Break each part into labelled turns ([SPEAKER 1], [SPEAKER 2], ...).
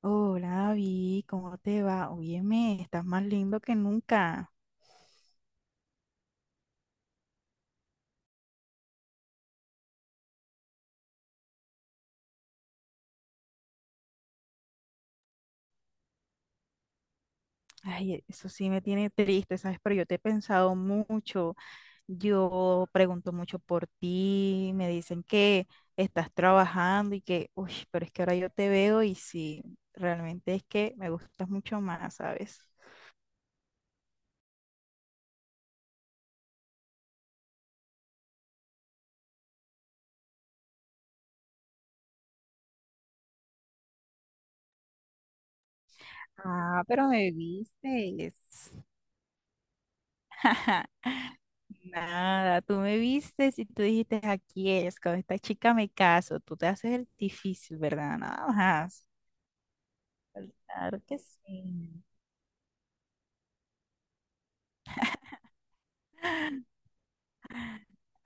[SPEAKER 1] Hola, David, ¿cómo te va? Óyeme, estás más lindo que nunca. Ay, eso sí me tiene triste, ¿sabes? Pero yo te he pensado mucho. Yo pregunto mucho por ti, me dicen que estás trabajando y que, uy, pero es que ahora yo te veo y sí, realmente es que me gustas mucho más, ¿sabes? Ah, pero me viste. Nada, tú me vistes y tú dijiste, aquí es, con esta chica me caso, tú te haces el difícil, ¿verdad? Nada más. Claro que sí.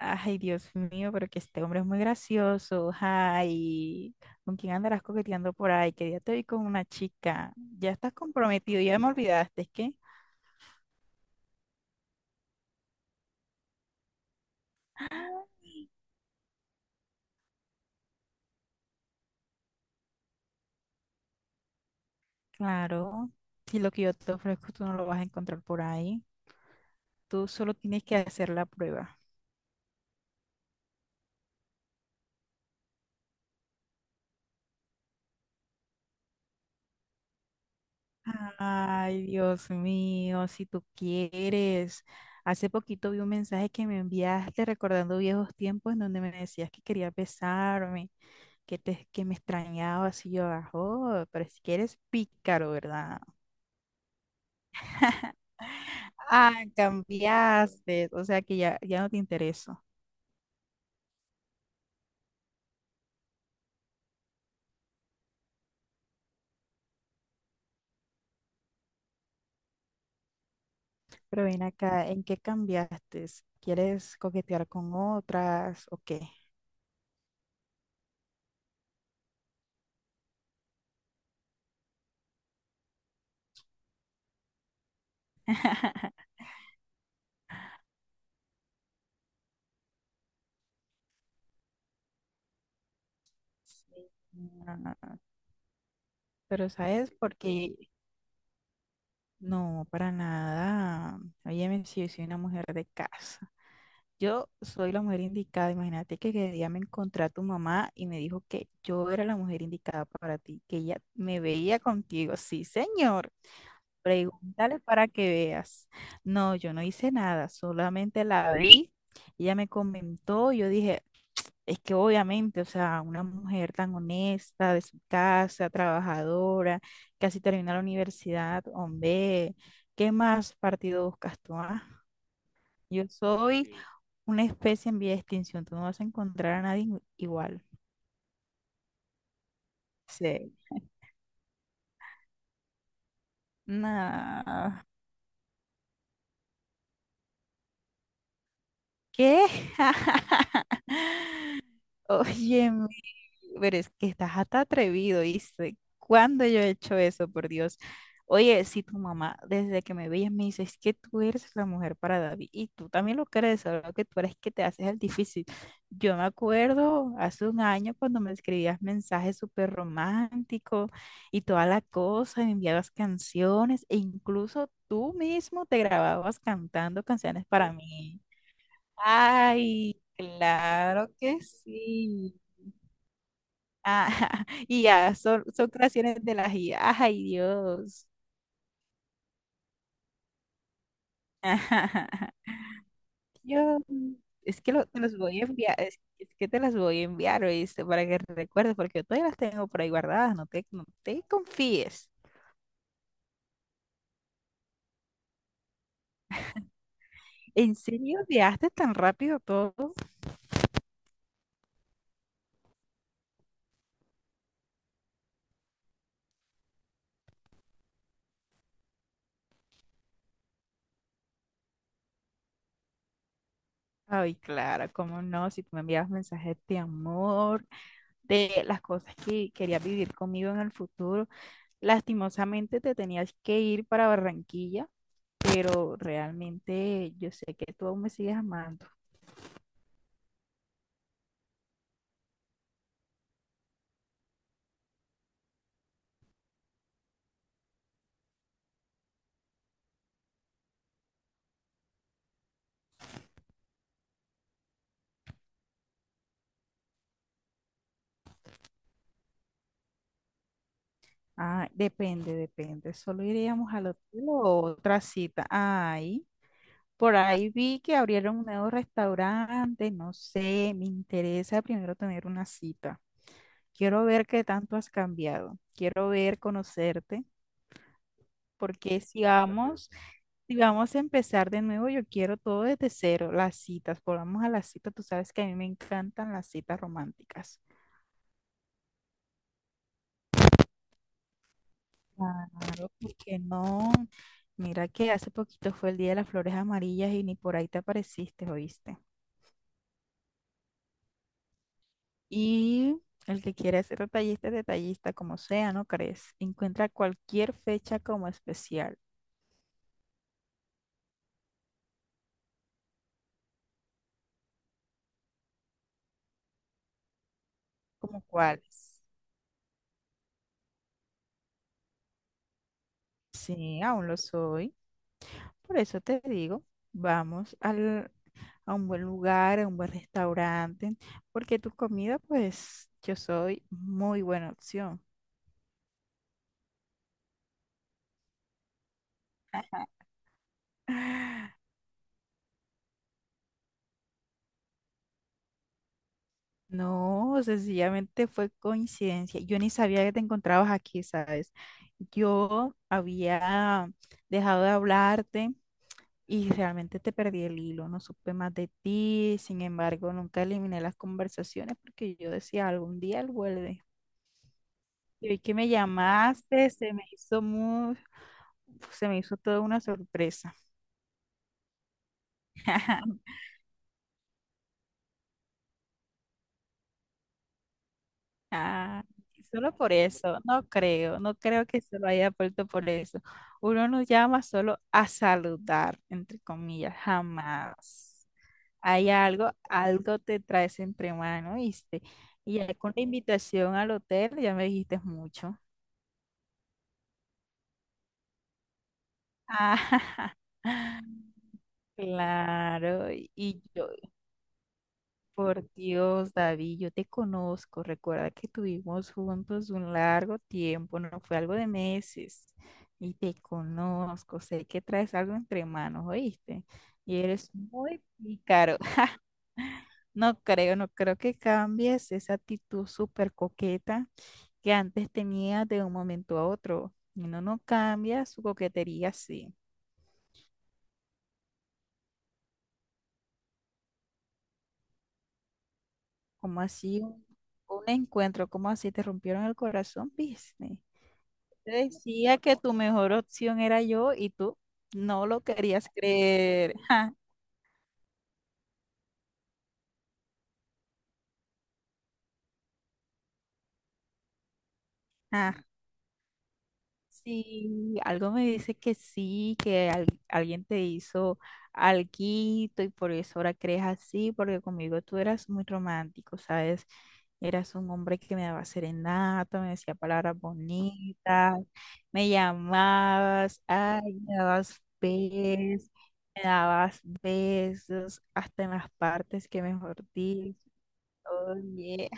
[SPEAKER 1] Ay, Dios mío, pero que este hombre es muy gracioso. Ay, ¿con quién andarás coqueteando por ahí? Que ya te vi con una chica. Ya estás comprometido, ya me olvidaste, ¿qué? Claro, si lo que yo te ofrezco tú no lo vas a encontrar por ahí. Tú solo tienes que hacer la prueba. Ay, Dios mío, si tú quieres. Hace poquito vi un mensaje que me enviaste recordando viejos tiempos en donde me decías que querías besarme, que me extrañabas y yo, ah, oh, pero si quieres pícaro, ¿verdad? Ah, cambiaste, o sea que ya, ya no te intereso. Pero ven acá, ¿en qué cambiaste? ¿Quieres coquetear con otras o qué? Sí. Ah, pero ¿sabes por qué? No, para nada. Óyeme, si yo soy una mujer de casa. Yo soy la mujer indicada. Imagínate que el día me encontré a tu mamá y me dijo que yo era la mujer indicada para ti, que ella me veía contigo. Sí, señor. Pregúntale para que veas. No, yo no hice nada, solamente la vi. Ella me comentó, yo dije, es que obviamente, o sea, una mujer tan honesta, de su casa, trabajadora, casi termina la universidad, hombre, ¿qué más partido buscas tú? ¿Ah? Yo soy, sí, una especie en vía de extinción, tú no vas a encontrar a nadie igual. Sí. Nah. ¿Qué? Oye, pero es que estás hasta atrevido, ¿viste? ¿Cuándo yo he hecho eso, por Dios? Oye, si tu mamá desde que me veías me dice, es que tú eres la mujer para David y tú también lo crees, solo que tú eres que te haces el difícil. Yo me acuerdo hace un año cuando me escribías mensajes súper románticos y toda la cosa, y me enviabas canciones e incluso tú mismo te grababas cantando canciones para mí. Ay, claro que sí. Ah, y ya, son creaciones de las IA. Ay, Dios. Yo es que te los voy a enviar, es que te las voy a enviar, ¿oíste? Para que recuerdes, porque yo todavía las tengo por ahí guardadas, no te confíes. ¿En serio enviaste tan rápido todo? Ay, claro, cómo no, si tú me enviabas mensajes de amor, de las cosas que querías vivir conmigo en el futuro. Lastimosamente te tenías que ir para Barranquilla, pero realmente yo sé que tú aún me sigues amando. Ah, depende, depende. ¿Solo iríamos al hotel o otra cita? Ay, por ahí vi que abrieron un nuevo restaurante, no sé, me interesa primero tener una cita. Quiero ver qué tanto has cambiado. Quiero ver, conocerte, porque si vamos a empezar de nuevo, yo quiero todo desde cero, las citas. Volvamos a las citas, tú sabes que a mí me encantan las citas románticas. Claro, porque no? Mira que hace poquito fue el Día de las Flores Amarillas y ni por ahí te apareciste, ¿oíste? Y el que quiera ser detallista es detallista, como sea, ¿no crees? Encuentra cualquier fecha como especial, ¿como cuáles? Sí, aún lo soy. Por eso te digo, vamos al, a un buen lugar, a un buen restaurante, porque tu comida, pues, yo soy muy buena opción. No, sencillamente fue coincidencia. Yo ni sabía que te encontrabas aquí, ¿sabes? Yo había dejado de hablarte y realmente te perdí el hilo, no supe más de ti, sin embargo, nunca eliminé las conversaciones porque yo decía, algún día él vuelve. Y hoy que me llamaste, se me hizo toda una sorpresa. Ah, solo por eso, no creo que se lo haya puesto por eso. Uno nos llama solo a saludar, entre comillas, jamás. Hay algo te traes entre mano, ¿viste? Y ya con la invitación al hotel ya me dijiste mucho. Ah, claro, y yo, por Dios, David, yo te conozco. Recuerda que tuvimos juntos un largo tiempo, no fue algo de meses. Y te conozco, sé que traes algo entre manos, ¿oíste? Y eres muy pícaro. No creo que cambies esa actitud súper coqueta que antes tenías de un momento a otro. No, no cambias su coquetería así. Como así un encuentro, como así te rompieron el corazón, ¿viste? Te decía que tu mejor opción era yo y tú no lo querías creer. Ja, ja. Sí, algo me dice que sí, que alguien te hizo alguito y por eso ahora crees así, porque conmigo tú eras muy romántico, ¿sabes? Eras un hombre que me daba serenata, me decía palabras bonitas, me llamabas, ay, me dabas besos hasta en las partes que mejor digo. Oye,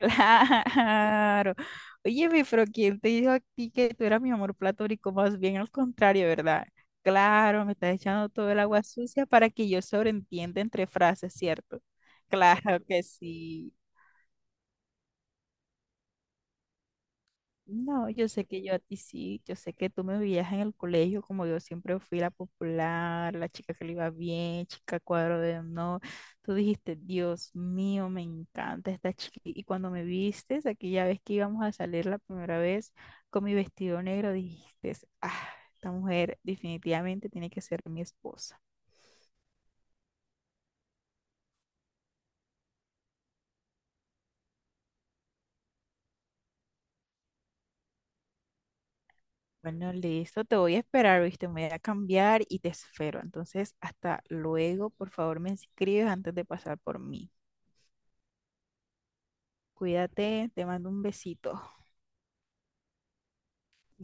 [SPEAKER 1] claro. Óyeme, pero ¿quién te dijo a ti que tú eras mi amor platónico? Más bien al contrario, ¿verdad? Claro, me estás echando todo el agua sucia para que yo sobreentienda entre frases, ¿cierto? Claro que sí. No, yo sé que yo a ti sí, yo sé que tú me veías en el colegio como yo siempre fui la popular, la chica que le iba bien, chica cuadro de honor. Tú dijiste, Dios mío, me encanta esta chica. Y cuando me vistes, aquella vez que íbamos a salir la primera vez con mi vestido negro, dijiste, ah, esta mujer definitivamente tiene que ser mi esposa. Bueno, listo, te voy a esperar, ¿viste? Me voy a cambiar y te espero. Entonces, hasta luego, por favor, me escribes antes de pasar por mí. Cuídate, te mando un besito.